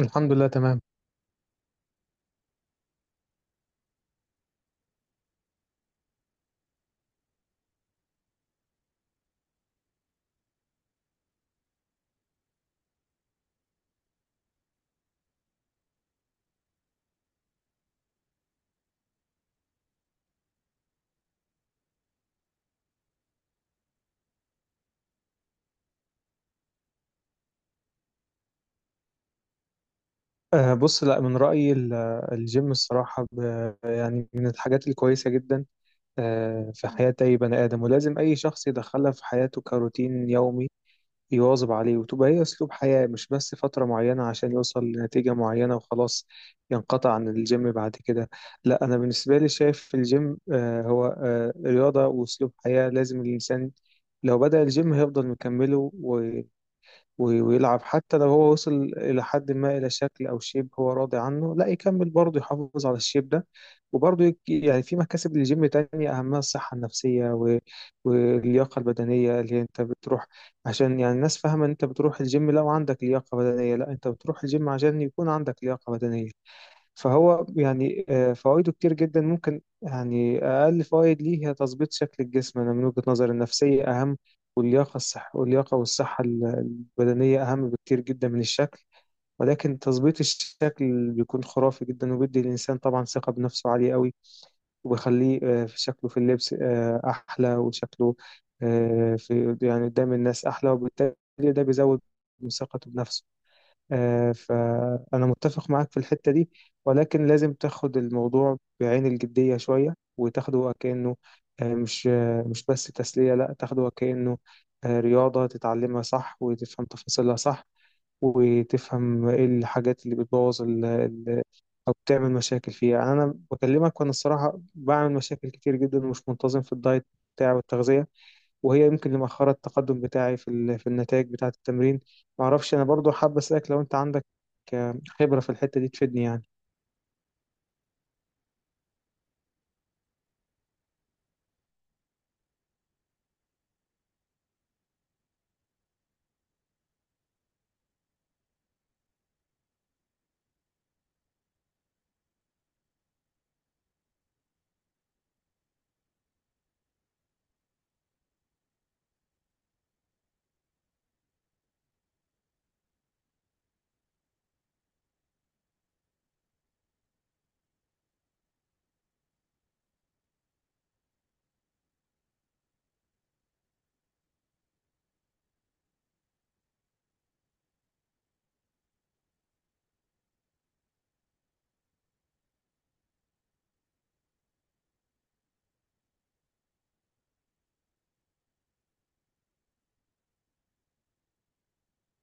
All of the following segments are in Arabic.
الحمد لله، تمام. بص، لا، من رأيي الجيم الصراحة، يعني من الحاجات الكويسة جدا في حياة أي بني آدم، ولازم أي شخص يدخلها في حياته كروتين يومي يواظب عليه، وتبقى هي أسلوب حياة، مش بس فترة معينة عشان يوصل لنتيجة معينة وخلاص ينقطع عن الجيم بعد كده. لا، أنا بالنسبة لي شايف الجيم هو رياضة وأسلوب حياة، لازم الإنسان لو بدأ الجيم هيفضل مكمله ويلعب، حتى لو هو وصل إلى حد ما إلى شكل أو شيب هو راضي عنه لا يكمل برضه يحافظ على الشيب ده. وبرضه يعني في مكاسب للجيم تانية، أهمها الصحة النفسية واللياقة البدنية اللي هي أنت بتروح، عشان يعني الناس فاهمة إن أنت بتروح الجيم لو عندك لياقة بدنية، لا أنت بتروح الجيم عشان يكون عندك لياقة بدنية. فهو يعني فوائده كتير جدا، ممكن يعني أقل فوائد ليه هي تظبيط شكل الجسم. أنا من وجهة نظري النفسية أهم، واللياقة الصح، واللياقة والصحة البدنية أهم بكتير جدا من الشكل. ولكن تظبيط الشكل بيكون خرافي جدا، وبيدي الإنسان طبعا ثقة بنفسه عالية قوي، وبيخليه في شكله في اللبس أحلى، وشكله في يعني قدام الناس أحلى، وبالتالي ده بيزود من ثقته بنفسه. فأنا متفق معاك في الحتة دي، ولكن لازم تاخد الموضوع بعين الجدية شوية، وتاخده كأنه مش مش بس تسلية، لا تاخده كأنه رياضة تتعلمها صح، وتفهم تفاصيلها صح، وتفهم ايه الحاجات اللي بتبوظ أو بتعمل مشاكل فيها. يعني أنا بكلمك وأنا الصراحة بعمل مشاكل كتير جدا ومش منتظم في الدايت بتاعي والتغذية، وهي يمكن اللي مأخرة التقدم بتاعي في في النتائج بتاعة التمرين. معرفش، أنا برضو حابب أسألك لو أنت عندك خبرة في الحتة دي تفيدني يعني.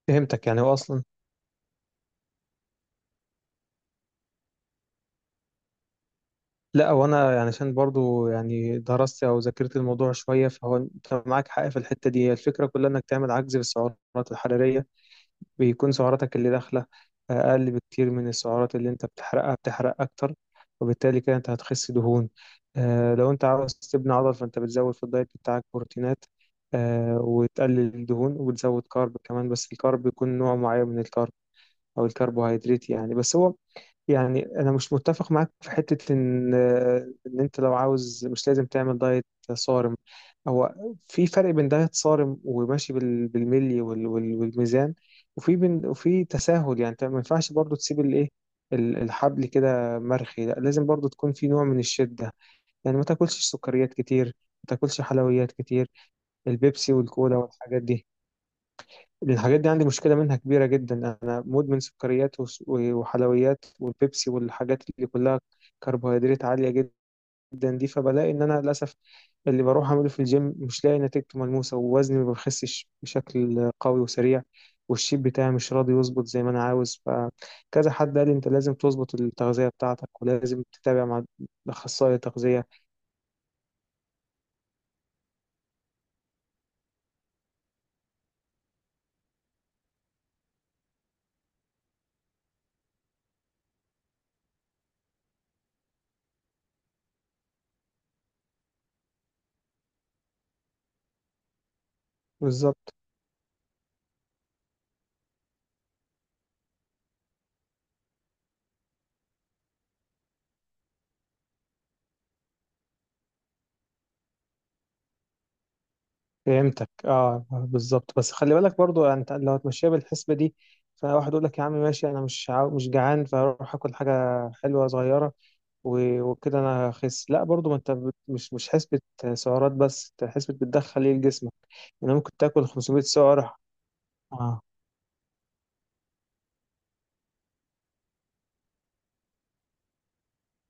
فهمتك، يعني هو أصلا. لا، وأنا يعني عشان برضو يعني درست أو ذاكرت الموضوع شوية، فهو أنت معاك حق في الحتة دي. هي الفكرة كلها إنك تعمل عجز بالسعرات الحرارية، بيكون سعراتك اللي داخلة أقل بكتير من السعرات اللي أنت بتحرقها، بتحرق أكتر، وبالتالي كده أنت هتخس دهون. لو أنت عاوز تبني عضل فأنت بتزود في الدايت بتاعك بروتينات وتقلل الدهون، وبتزود كارب كمان، بس الكارب بيكون نوع معين من الكارب أو الكربوهيدرات يعني. بس هو يعني انا مش متفق معاك في حته ان انت لو عاوز مش لازم تعمل دايت صارم. هو في فرق بين دايت صارم وماشي بالملي والميزان، وفي بين، وفي تساهل. يعني انت ما ينفعش برضو تسيب الايه الحبل كده مرخي، لا لازم برضو تكون في نوع من الشده. يعني ما تاكلش سكريات كتير، ما تاكلش حلويات كتير، البيبسي والكولا والحاجات دي. الحاجات دي عندي مشكلة منها كبيرة جدا، أنا مدمن سكريات وحلويات والبيبسي والحاجات اللي كلها كربوهيدرات عالية جدا دي. فبلاقي إن أنا للأسف اللي بروح أعمله في الجيم مش لاقي نتيجته ملموسة، ووزني ما بخسش بشكل قوي وسريع، والشيب بتاعي مش راضي يظبط زي ما أنا عاوز. فكذا حد قال لي أنت لازم تظبط التغذية بتاعتك، ولازم تتابع مع أخصائي تغذية. بالظبط. فهمتك، اه، بالظبط. بس خلي بالك برضو يعني انت لو هتمشيها بالحسبه دي، فواحد يقول لك يا عم ماشي، انا مش جعان، فاروح اكل حاجه حلوه صغيره، وكده انا هخس. لا، برضو ما انت مش حسبه سعرات، بس انت حسبه بتدخل ايه لجسمك. يعني ممكن تاكل 500 سعره؟ اه.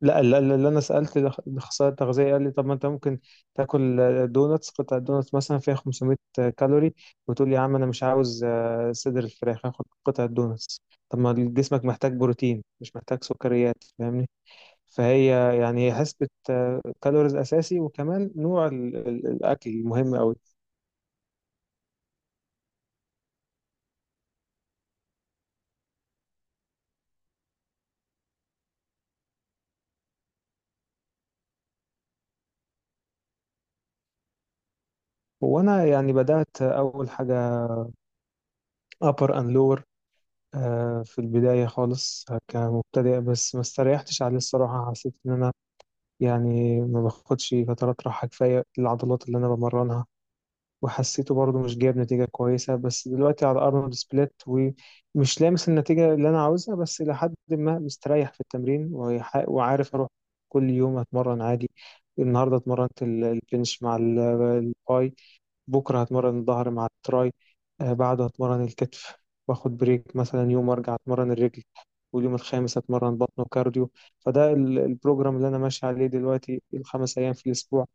لا لا لا لا، انا سالت الاخصائي التغذيه قال لي طب ما انت ممكن تاكل دوناتس، قطعه دوناتس مثلا فيها 500 كالوري، وتقول يا عم انا مش عاوز صدر الفراخ، هاخد قطعه دوناتس. طب ما جسمك محتاج بروتين، مش محتاج سكريات، فاهمني؟ فهي يعني هي حسبة كالوريز أساسي، وكمان نوع الأكل مهم أوي. وأنا يعني بدأت أول حاجة upper and lower في البداية خالص كمبتدئ، بس ما استريحتش عليه الصراحة. حسيت إن أنا يعني ما باخدش فترات راحة كفاية للعضلات اللي أنا بمرنها، وحسيته برضه مش جايب نتيجة كويسة. بس دلوقتي على أرنولد سبليت، ومش لامس النتيجة اللي أنا عاوزها، بس إلى حد ما مستريح في التمرين، وعارف أروح كل يوم أتمرن عادي. النهاردة اتمرنت البنش مع الباي، بكرة هتمرن الظهر مع التراي، بعده هتمرن الكتف، واخد بريك مثلا يوم وارجع اتمرن الرجل، واليوم الخامس هتمرن بطن وكارديو. فده البروجرام اللي انا ماشي عليه دلوقتي، ال5 ايام في الاسبوع.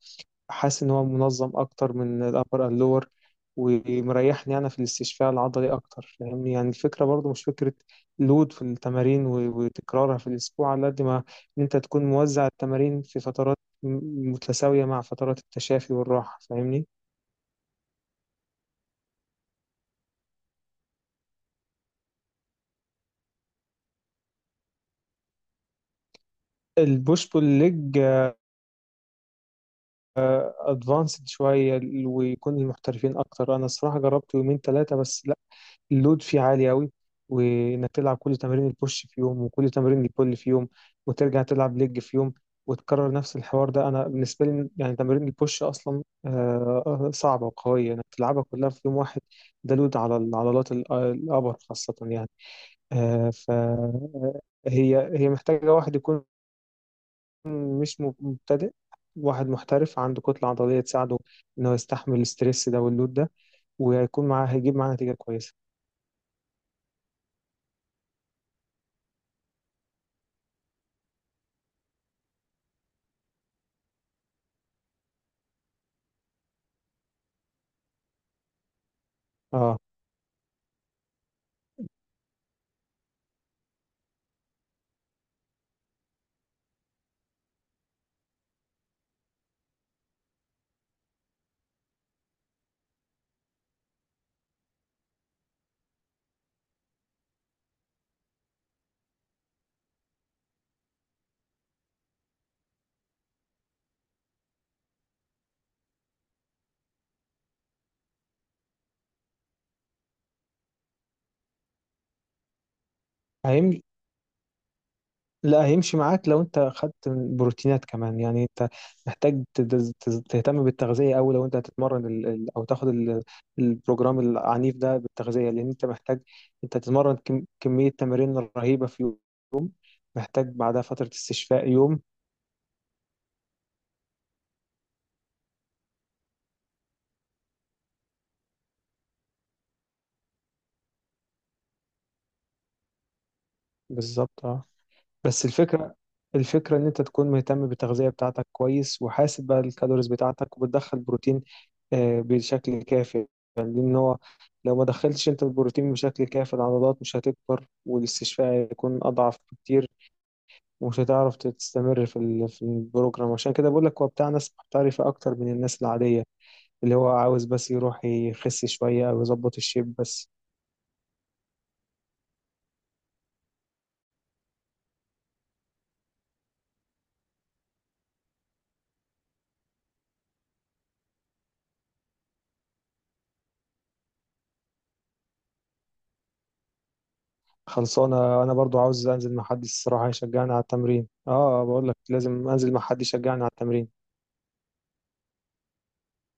حاسس ان هو منظم اكتر من الابر اللور، ومريحني انا في الاستشفاء العضلي اكتر، فاهمني؟ يعني الفكره برضو مش فكره لود في التمارين وتكرارها في الاسبوع على قد ما ان انت تكون موزع التمارين في فترات متساويه مع فترات التشافي والراحه، فاهمني؟ البوش بول ليج ادفانسد شويه، ويكون المحترفين اكتر، انا الصراحه جربت يومين ثلاثه بس لا، اللود فيه عالي قوي، وانك تلعب كل تمارين البوش في يوم وكل تمارين البول في يوم وترجع تلعب ليج في يوم وتكرر نفس الحوار ده. انا بالنسبه لي يعني تمارين البوش اصلا صعبه وقويه انك تلعبها كلها في يوم واحد. ده لود على العضلات الابر خاصه يعني. فهي محتاجه واحد يكون مش مبتدئ، واحد محترف عنده كتلة عضلية تساعده إنه يستحمل الستريس ده واللود ده، وهيكون معاه، هيجيب معاه نتيجة كويسة. اه، هيمشي. لا، هيمشي معاك لو انت خدت بروتينات كمان. يعني انت محتاج تهتم بالتغذية أوي لو انت هتتمرن او تاخد البروجرام العنيف ده، بالتغذية، لأن انت محتاج انت تتمرن كمية تمارين رهيبة في يوم، محتاج بعدها فترة استشفاء يوم. بالظبط، اه. بس الفكرة، إن أنت تكون مهتم بالتغذية بتاعتك كويس، وحاسب بقى الكالوريز بتاعتك، وبتدخل بروتين بشكل كافي يعني، لأن هو لو ما دخلتش أنت البروتين بشكل كافي العضلات مش هتكبر، والاستشفاء هيكون أضعف بكتير، ومش هتعرف تستمر في في البروجرام. عشان كده بقول لك هو بتاع ناس محترفة أكتر من الناس العادية، اللي هو عاوز بس يروح يخس شوية أو يظبط الشيب بس. خلصانة. أنا برضو عاوز أنزل مع حد الصراحة يشجعني على التمرين. اه، بقول لك لازم أنزل مع حد يشجعني على التمرين.